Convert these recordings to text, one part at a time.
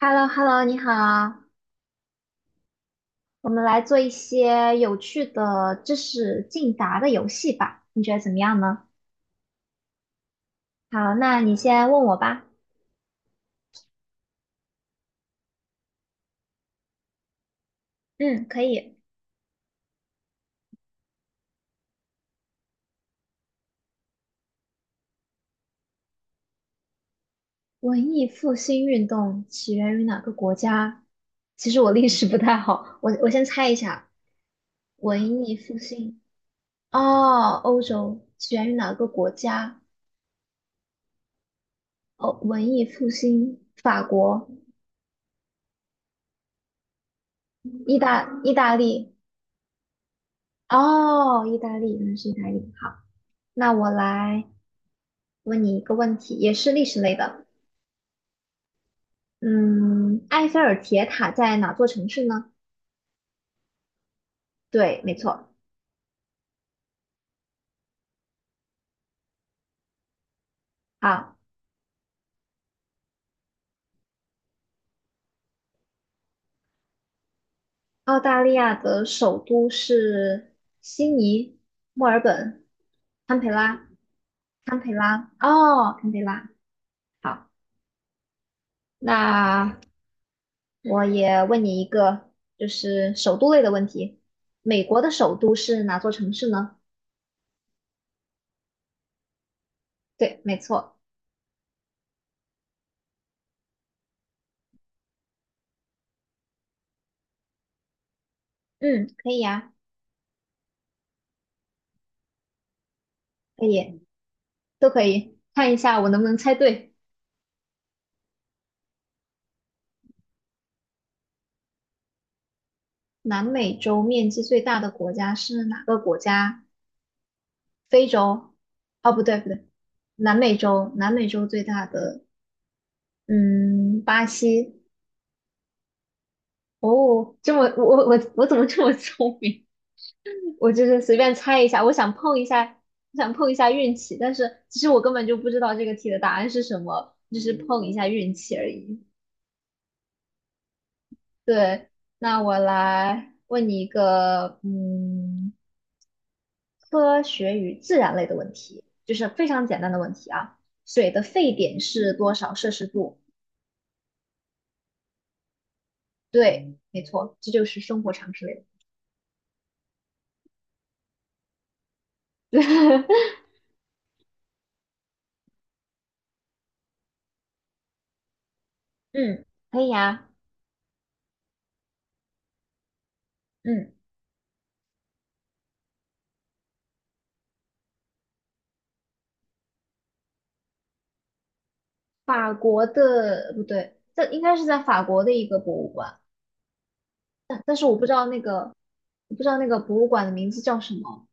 h e l l o h e l l o 你好，我们来做一些有趣的知识竞答的游戏吧，你觉得怎么样呢？好，那你先问我吧。嗯，可以。文艺复兴运动起源于哪个国家？其实我历史不太好，我先猜一下。文艺复兴，哦，欧洲起源于哪个国家？哦，文艺复兴，法国、意大利。哦，意大利，原来是意大利。好，那我来。问你一个问题，也是历史类的。嗯，埃菲尔铁塔在哪座城市呢？对，没错。好，澳大利亚的首都是悉尼、墨尔本、堪培拉、堪培拉。哦，堪培拉。好，那我也问你一个，就是首都类的问题。美国的首都是哪座城市呢？对，没错。嗯，可以呀，可以，都可以。看一下我能不能猜对。南美洲面积最大的国家是哪个国家？非洲？哦，不对不对，南美洲，南美洲最大的，嗯，巴西。哦，这么我怎么这么聪明？我就是随便猜一下，我想碰一下，我想碰一下运气，但是其实我根本就不知道这个题的答案是什么，就是碰一下运气而已。对，那我来问你一个，嗯。科学与自然类的问题，就是非常简单的问题啊。水的沸点是多少摄氏度？对，没错，这就是生活常识类的。嗯，可以呀、嗯，法国的不对，这应该是在法国的一个博物馆，但是我不知道那个，我不知道那个博物馆的名字叫什么。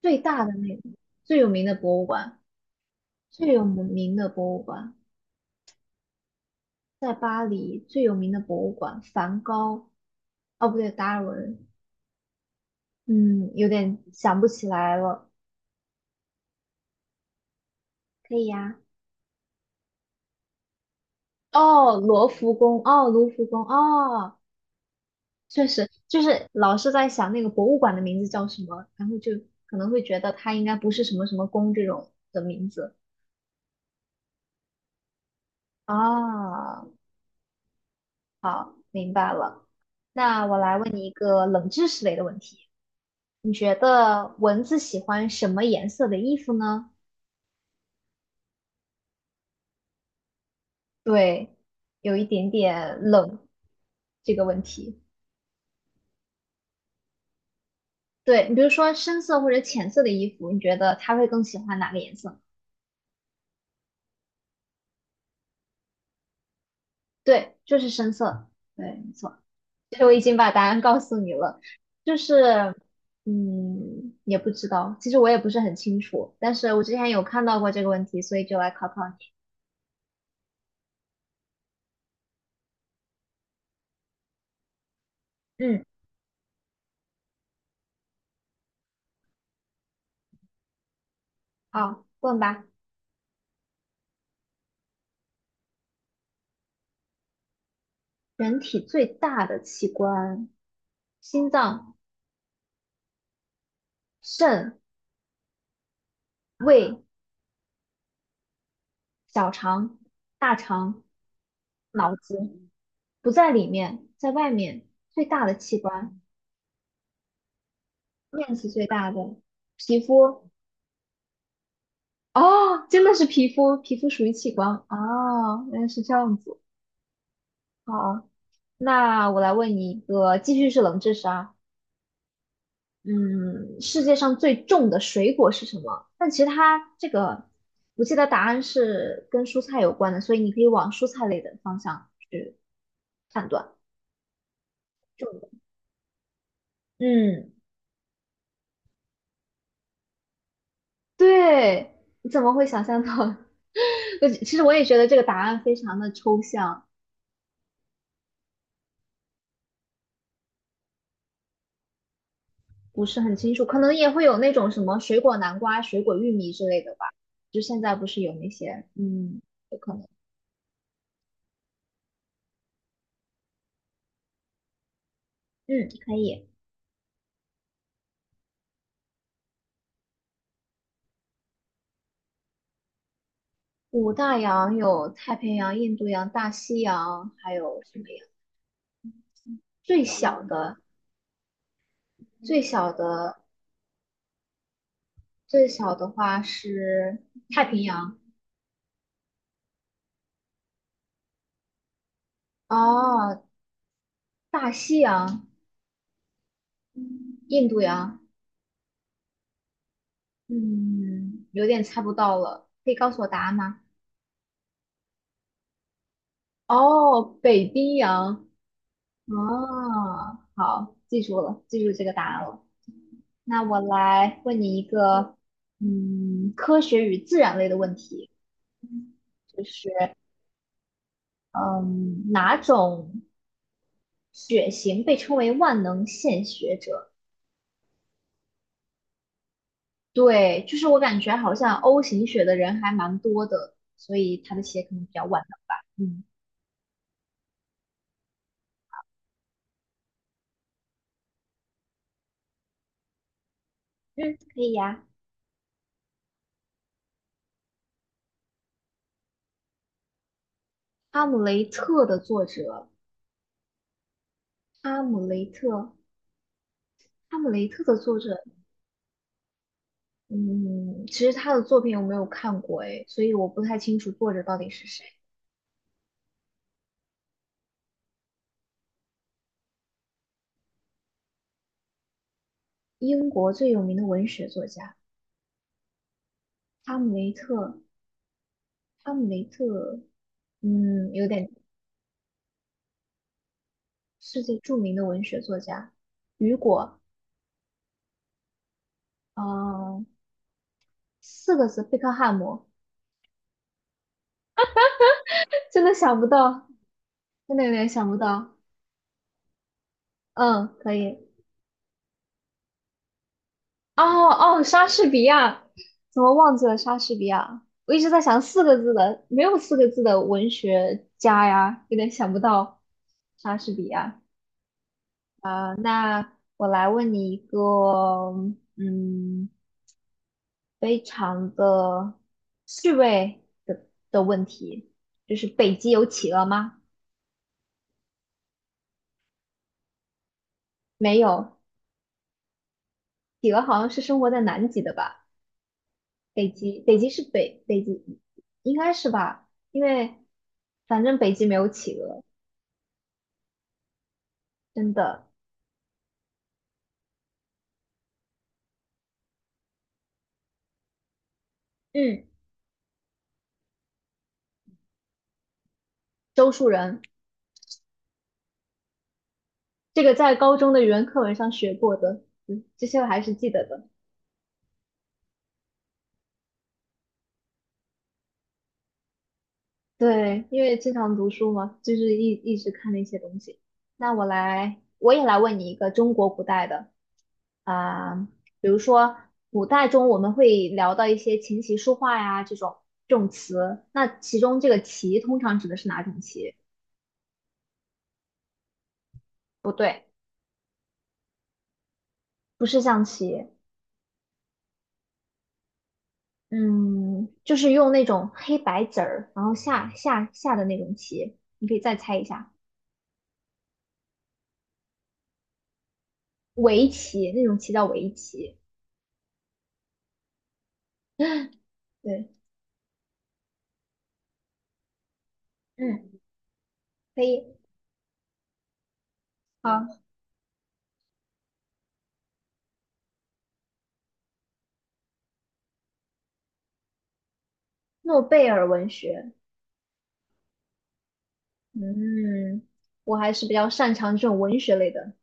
最大的那个，最有名的博物馆，最有名的博物馆在巴黎，最有名的博物馆，梵高，哦不对，达尔文，嗯，有点想不起来了。可以呀、哦，罗浮宫，哦，卢浮宫，哦，确实，就是老是在想那个博物馆的名字叫什么，然后就可能会觉得它应该不是什么什么宫这种的名字。啊，好，明白了。那我来问你一个冷知识类的问题，你觉得蚊子喜欢什么颜色的衣服呢？对，有一点点冷这个问题。对，你比如说深色或者浅色的衣服，你觉得他会更喜欢哪个颜色？对，就是深色。对，没错。其实我已经把答案告诉你了，就是，嗯，也不知道，其实我也不是很清楚，但是我之前有看到过这个问题，所以就来考考你。嗯，好，问吧。人体最大的器官，心脏、肾、胃、小肠、大肠、脑子，不在里面，在外面。最大的器官。面积最大的皮肤哦，真的是皮肤，皮肤属于器官哦，原来是这样子。好，那我来问你一个，继续是冷知识啊。嗯，世界上最重的水果是什么？但其实它这个，我记得答案是跟蔬菜有关的，所以你可以往蔬菜类的方向去判断。重的，嗯，对，你怎么会想象到？我其实我也觉得这个答案非常的抽象。不是很清楚，可能也会有那种什么水果南瓜、水果玉米之类的吧。就现在不是有那些，嗯，有可能，嗯，可以。五大洋有太平洋、印度洋、大西洋，还有什么呀？最小的，最小的，最小的话是太平洋，哦，大西洋、印度洋，嗯，有点猜不到了，可以告诉我答案吗？哦，北冰洋。哦，好，记住了，记住这个答案了。那我来问你一个，嗯，科学与自然类的问题，就是，嗯，哪种血型被称为万能献血者？对，就是我感觉好像 O 型血的人还蛮多的，所以他的血可能比较万能吧。嗯嗯，可以呀。哈姆雷特的作者，哈姆雷特，哈姆雷特的作者嗯，其实他的作品我没有看过诶，所以我不太清楚作者到底是谁。英国最有名的文学作家哈姆雷特，哈姆雷特，嗯，有点世界著名的文学作家，雨果，嗯、四个字，贝克汉姆，真的想不到，真的有点想不到。嗯，可以。哦哦，莎士比亚，怎么忘记了莎士比亚？我一直在想四个字的，没有四个字的文学家呀，有点想不到莎士比亚。啊、那我来问你一个，嗯，非常的趣味的的问题，就是北极有企鹅吗？没有，企鹅好像是生活在南极的吧？北极，北极是北，北极应该是吧？因为反正北极没有企鹅。真的。嗯，周树人，这个在高中的语文课文上学过的，嗯，这些我还是记得的。对，因为经常读书嘛，就是一直看那些东西。那我来，我也来问你一个中国古代的啊、比如说古代中我们会聊到一些琴棋书画呀这种这种词，那其中这个棋通常指的是哪种棋？不对，不是象棋，嗯，就是用那种黑白子儿，然后下的那种棋，你可以再猜一下，围棋那种棋叫围棋。对，嗯，可以。好，诺贝尔文学，嗯，我还是比较擅长这种文学类的。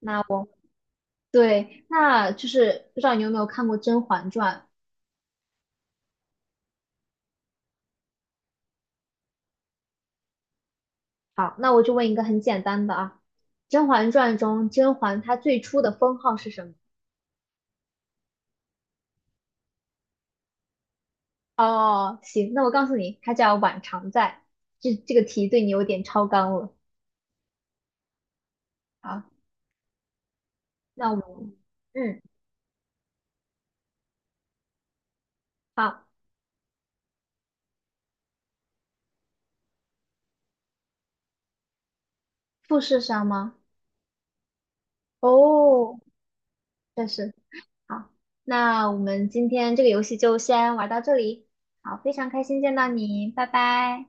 那我对，那就是不知道你有没有看过《甄嬛传》？好，那我就问一个很简单的啊，《甄嬛传》中甄嬛她最初的封号是什么？哦，行，那我告诉你，它叫晚常在。这个题对你有点超纲了。好，那我们，嗯，好，复试上吗？哦，确实。好，那我们今天这个游戏就先玩到这里。好，非常开心见到你，拜拜。